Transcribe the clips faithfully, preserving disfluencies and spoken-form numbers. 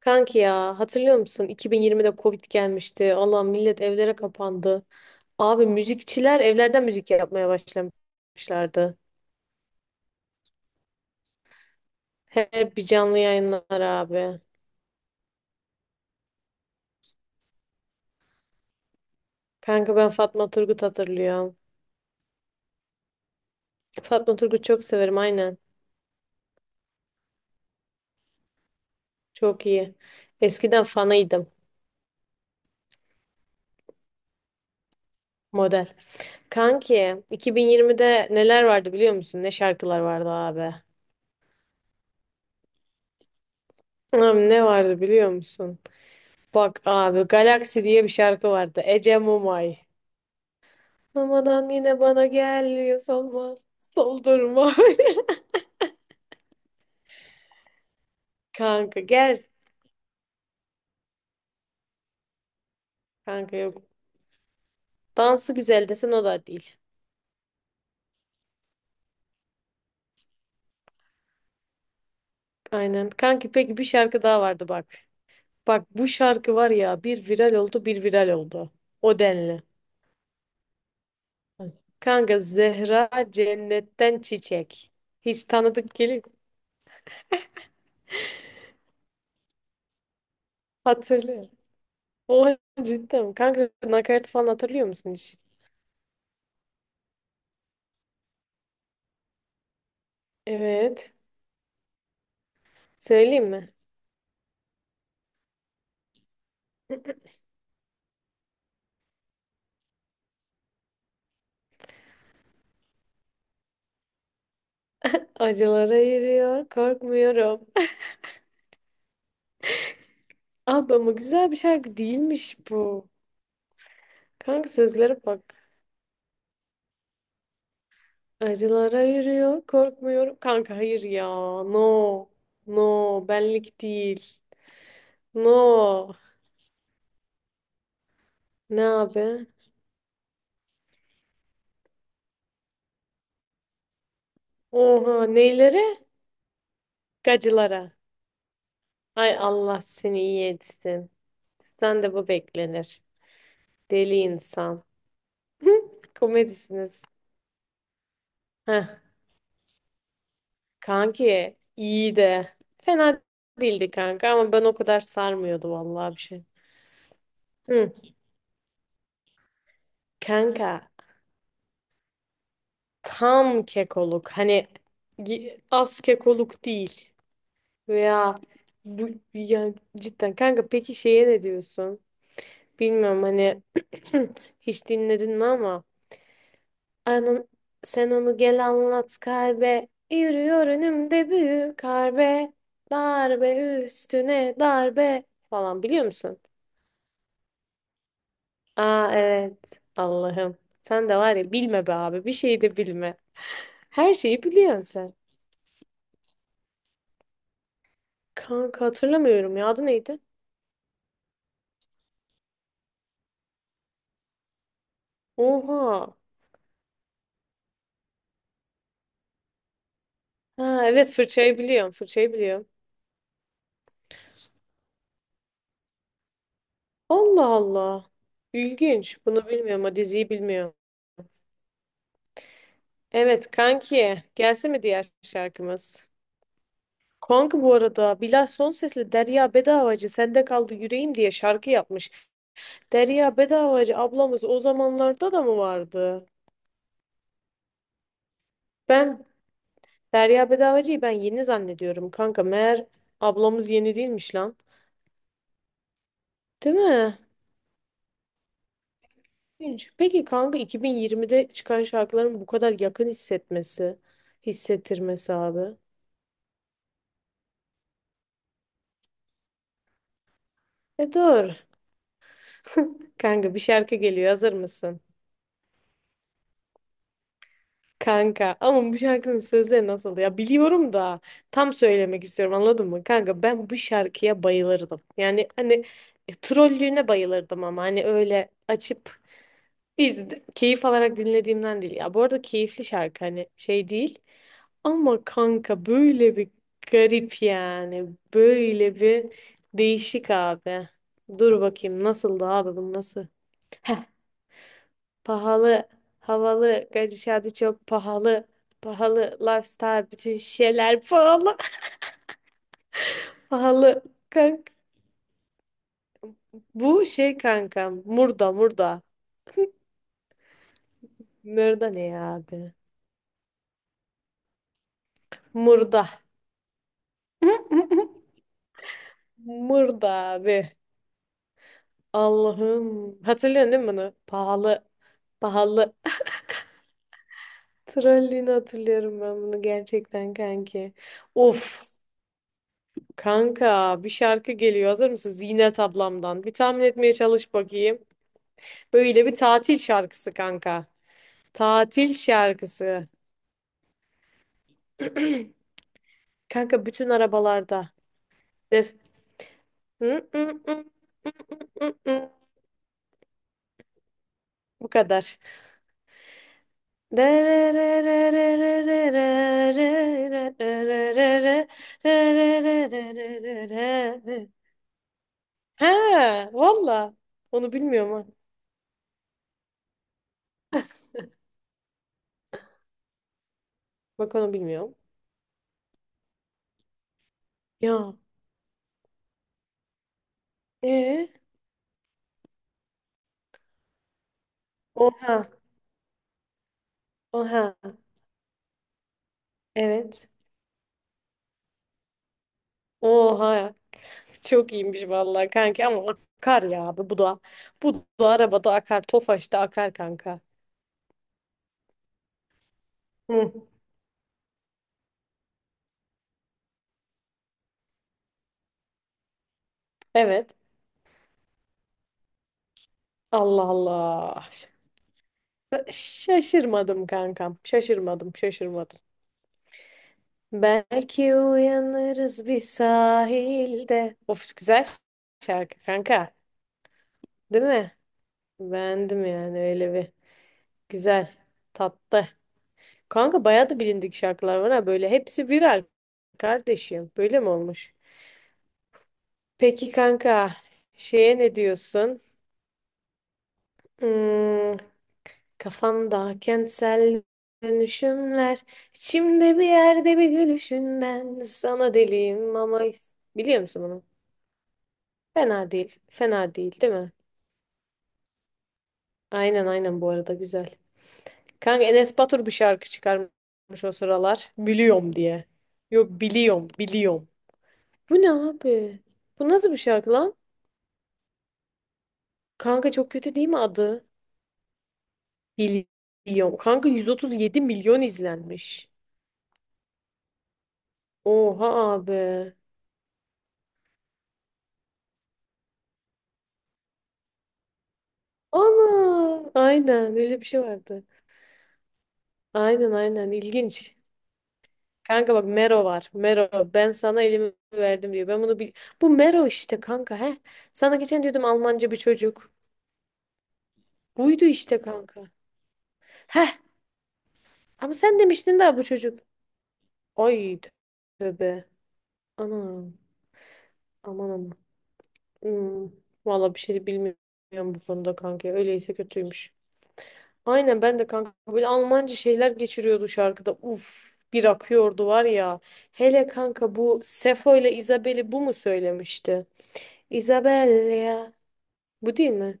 Kanki ya, hatırlıyor musun? iki bin yirmide Covid gelmişti. Allah millet evlere kapandı. Abi müzikçiler evlerden müzik yapmaya başlamışlardı. Her bir canlı yayınlar abi. Kanka ben Fatma Turgut hatırlıyorum. Fatma Turgut çok severim, aynen. Çok iyi. Eskiden fanıydım. Model. Kanki iki bin yirmide neler vardı biliyor musun? Ne şarkılar vardı abi. Abi ne vardı biliyor musun? Bak abi, Galaxy diye bir şarkı vardı. Ece Mumay. Mamadan yine bana gel diyor, solma. Soldurma. Kanka gel. Kanka yok. Dansı güzel desen o da değil. Aynen. Kanki peki bir şarkı daha vardı bak. Bak bu şarkı var ya, bir viral oldu bir viral oldu. O denli. Kanka, Zehra Cennetten Çiçek. Hiç tanıdık geliyor. Hatırlıyorum. O cidden. Kanka nakarat falan hatırlıyor musun hiç? Evet. Söyleyeyim mi? Acılara yürüyor korkmuyorum. Abi ama güzel bir şarkı değilmiş bu. Kanka sözlere bak. Acılara yürüyor, korkmuyorum. Kanka hayır ya. No. No. Benlik değil. No. Ne abi? Oha. Neylere? Gacılara. Ay Allah seni iyi etsin. Sen de bu beklenir. Deli insan. Komedisiniz. Heh. Kanki iyi de. Fena değildi kanka, ama ben o kadar sarmıyordu vallahi bir şey. Hı. Kanka, tam kekoluk. Hani gi- az kekoluk değil. Veya bu yani, cidden kanka peki şeye ne diyorsun? Bilmiyorum hani hiç dinledin mi ama anan sen onu gel anlat, kalbe yürüyor önümde büyük harbe, darbe üstüne darbe falan, biliyor musun? Aa evet, Allah'ım, sen de var ya, bilme be abi, bir şey de bilme. Her şeyi biliyorsun sen. Kanka hatırlamıyorum ya, adı neydi? Oha. Ha, evet, fırçayı biliyorum, fırçayı biliyorum. Allah Allah. İlginç. Bunu bilmiyorum, o diziyi bilmiyorum. Evet kanki, gelsin mi diğer şarkımız? Kanka bu arada Bilal Sonses'le Derya Bedavacı sende kaldı yüreğim diye şarkı yapmış. Derya Bedavacı ablamız o zamanlarda da mı vardı? Ben Derya Bedavacı'yı ben yeni zannediyorum kanka, meğer ablamız yeni değilmiş lan. Değil mi? İlginç. Peki kanka, iki bin yirmide çıkan şarkıların bu kadar yakın hissetmesi, hissettirmesi abi. E doğru. Kanka bir şarkı geliyor, hazır mısın? Kanka ama bu şarkının sözleri nasıl ya, biliyorum da tam söylemek istiyorum, anladın mı? Kanka ben bu şarkıya bayılırdım. Yani hani e, trollüğüne bayılırdım ama hani öyle açıp Biz de- keyif alarak dinlediğimden değil. Ya bu arada keyifli şarkı hani, şey değil. Ama kanka böyle bir garip yani. Böyle bir değişik abi. Dur bakayım nasıldı abi, bu nasıl? Heh, pahalı, havalı, gidişatı çok pahalı. Pahalı lifestyle, bütün şeyler pahalı. Pahalı kanka. Bu şey kanka, murda murda. Murda ne ya abi? Murda. Murda abi. Allah'ım. Hatırlıyorsun değil mi bunu? Pahalı. Pahalı. Trolliğini hatırlıyorum ben bunu, gerçekten kanki. Of. Kanka bir şarkı geliyor. Hazır mısın? Zinet ablamdan. Bir tahmin etmeye çalış bakayım. Böyle bir tatil şarkısı kanka. Tatil şarkısı. Kanka bütün arabalarda. Res- Hı, hı, hı, hı, hı, hı, hı. Bu kadar. Ha valla. Onu bilmiyorum ha. Bak onu bilmiyorum. Ya. E. Oha. Oha. Evet. Oha. Çok iyiymiş vallahi kanka, ama akar ya abi bu da. Bu da arabada akar. Tofaş'ta akar kanka. Hı. Evet. Allah Allah. Ş- Şaşırmadım kankam. Şaşırmadım, şaşırmadım. Belki uyanırız bir sahilde. Of, güzel şarkı kanka. Değil mi? Beğendim yani öyle bir. Güzel. Tatlı. Kanka bayağı da bilindik şarkılar var ha böyle. Hepsi viral kardeşim. Böyle mi olmuş? Peki kanka, şeye ne diyorsun? Hmm, kafamda kentsel dönüşümler, içimde bir yerde bir gülüşünden sana deliyim ama, biliyor musun bunu? Fena değil. Fena değil, değil mi? Aynen aynen, bu arada güzel. Kanka Enes Batur bir şarkı çıkarmış o sıralar. Biliyorum diye. Yok, biliyorum biliyorum. Bu ne abi? Bu nasıl bir şarkı lan? Kanka çok kötü değil mi adı? Biliyorum. Kanka yüz otuz yedi milyon izlenmiş. Oha abi. Ana. Aynen, öyle bir şey vardı. Aynen aynen, ilginç. Kanka bak, Mero var. Mero ben sana elimi verdim diyor. Ben bunu bil... Bu Mero işte kanka, he. Sana geçen diyordum, Almanca bir çocuk. Buydu işte kanka. Heh, ama sen demiştin daha bu çocuk. Ay tövbe. Anam, aman aman. Hmm, valla bir şey bilmiyorum bu konuda kanka. Öyleyse kötüymüş. Aynen, ben de kanka böyle Almanca şeyler geçiriyordu şarkıda. Uf, bir akıyordu var ya. Hele kanka, bu Sefo ile Isabel'i bu mu söylemişti? Isabel ya. Bu değil mi?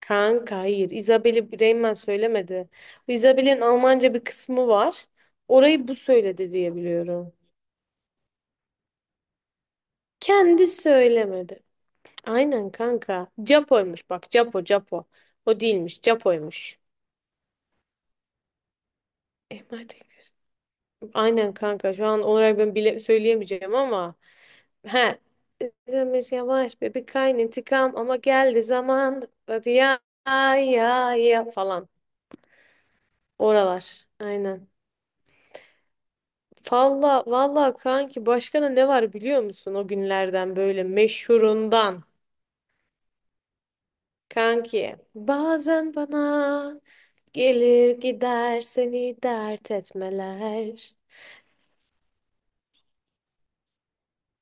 Kanka hayır. Isabel'i Reymen söylemedi. Isabel'in Almanca bir kısmı var. Orayı bu söyledi diye biliyorum. Kendi söylemedi. Aynen kanka. Japo'ymuş bak. Japo, Japo. O değilmiş. Japo'ymuş. Emade göz- Aynen kanka. Şu an olarak ben bile söyleyemeyeceğim ama. He. Demiş yavaş be bir kayn intikam ama geldi zaman. Hadi ya, ya ya falan. Oralar. Aynen. Valla valla kanki, başka ne var biliyor musun o günlerden böyle meşhurundan, kanki bazen bana gelir gider seni dert etmeler,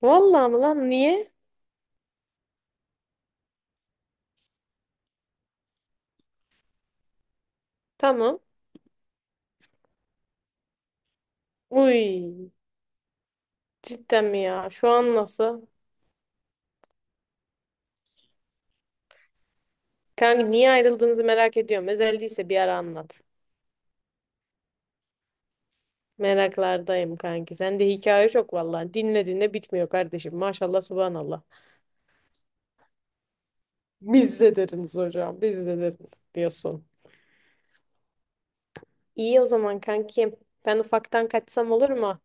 valla mı lan niye, tamam, uy, cidden mi ya, şu an nasıl, kanki niye ayrıldığınızı merak ediyorum, özel değilse bir ara anlat, meraklardayım kanki, sende hikaye çok valla, dinlediğinde bitmiyor kardeşim, maşallah subhanallah, biz de deriniz hocam biz de deriniz diyorsun. İyi o zaman kankim. Ben ufaktan kaçsam olur mu?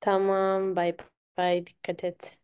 Tamam, bay bay. Dikkat et.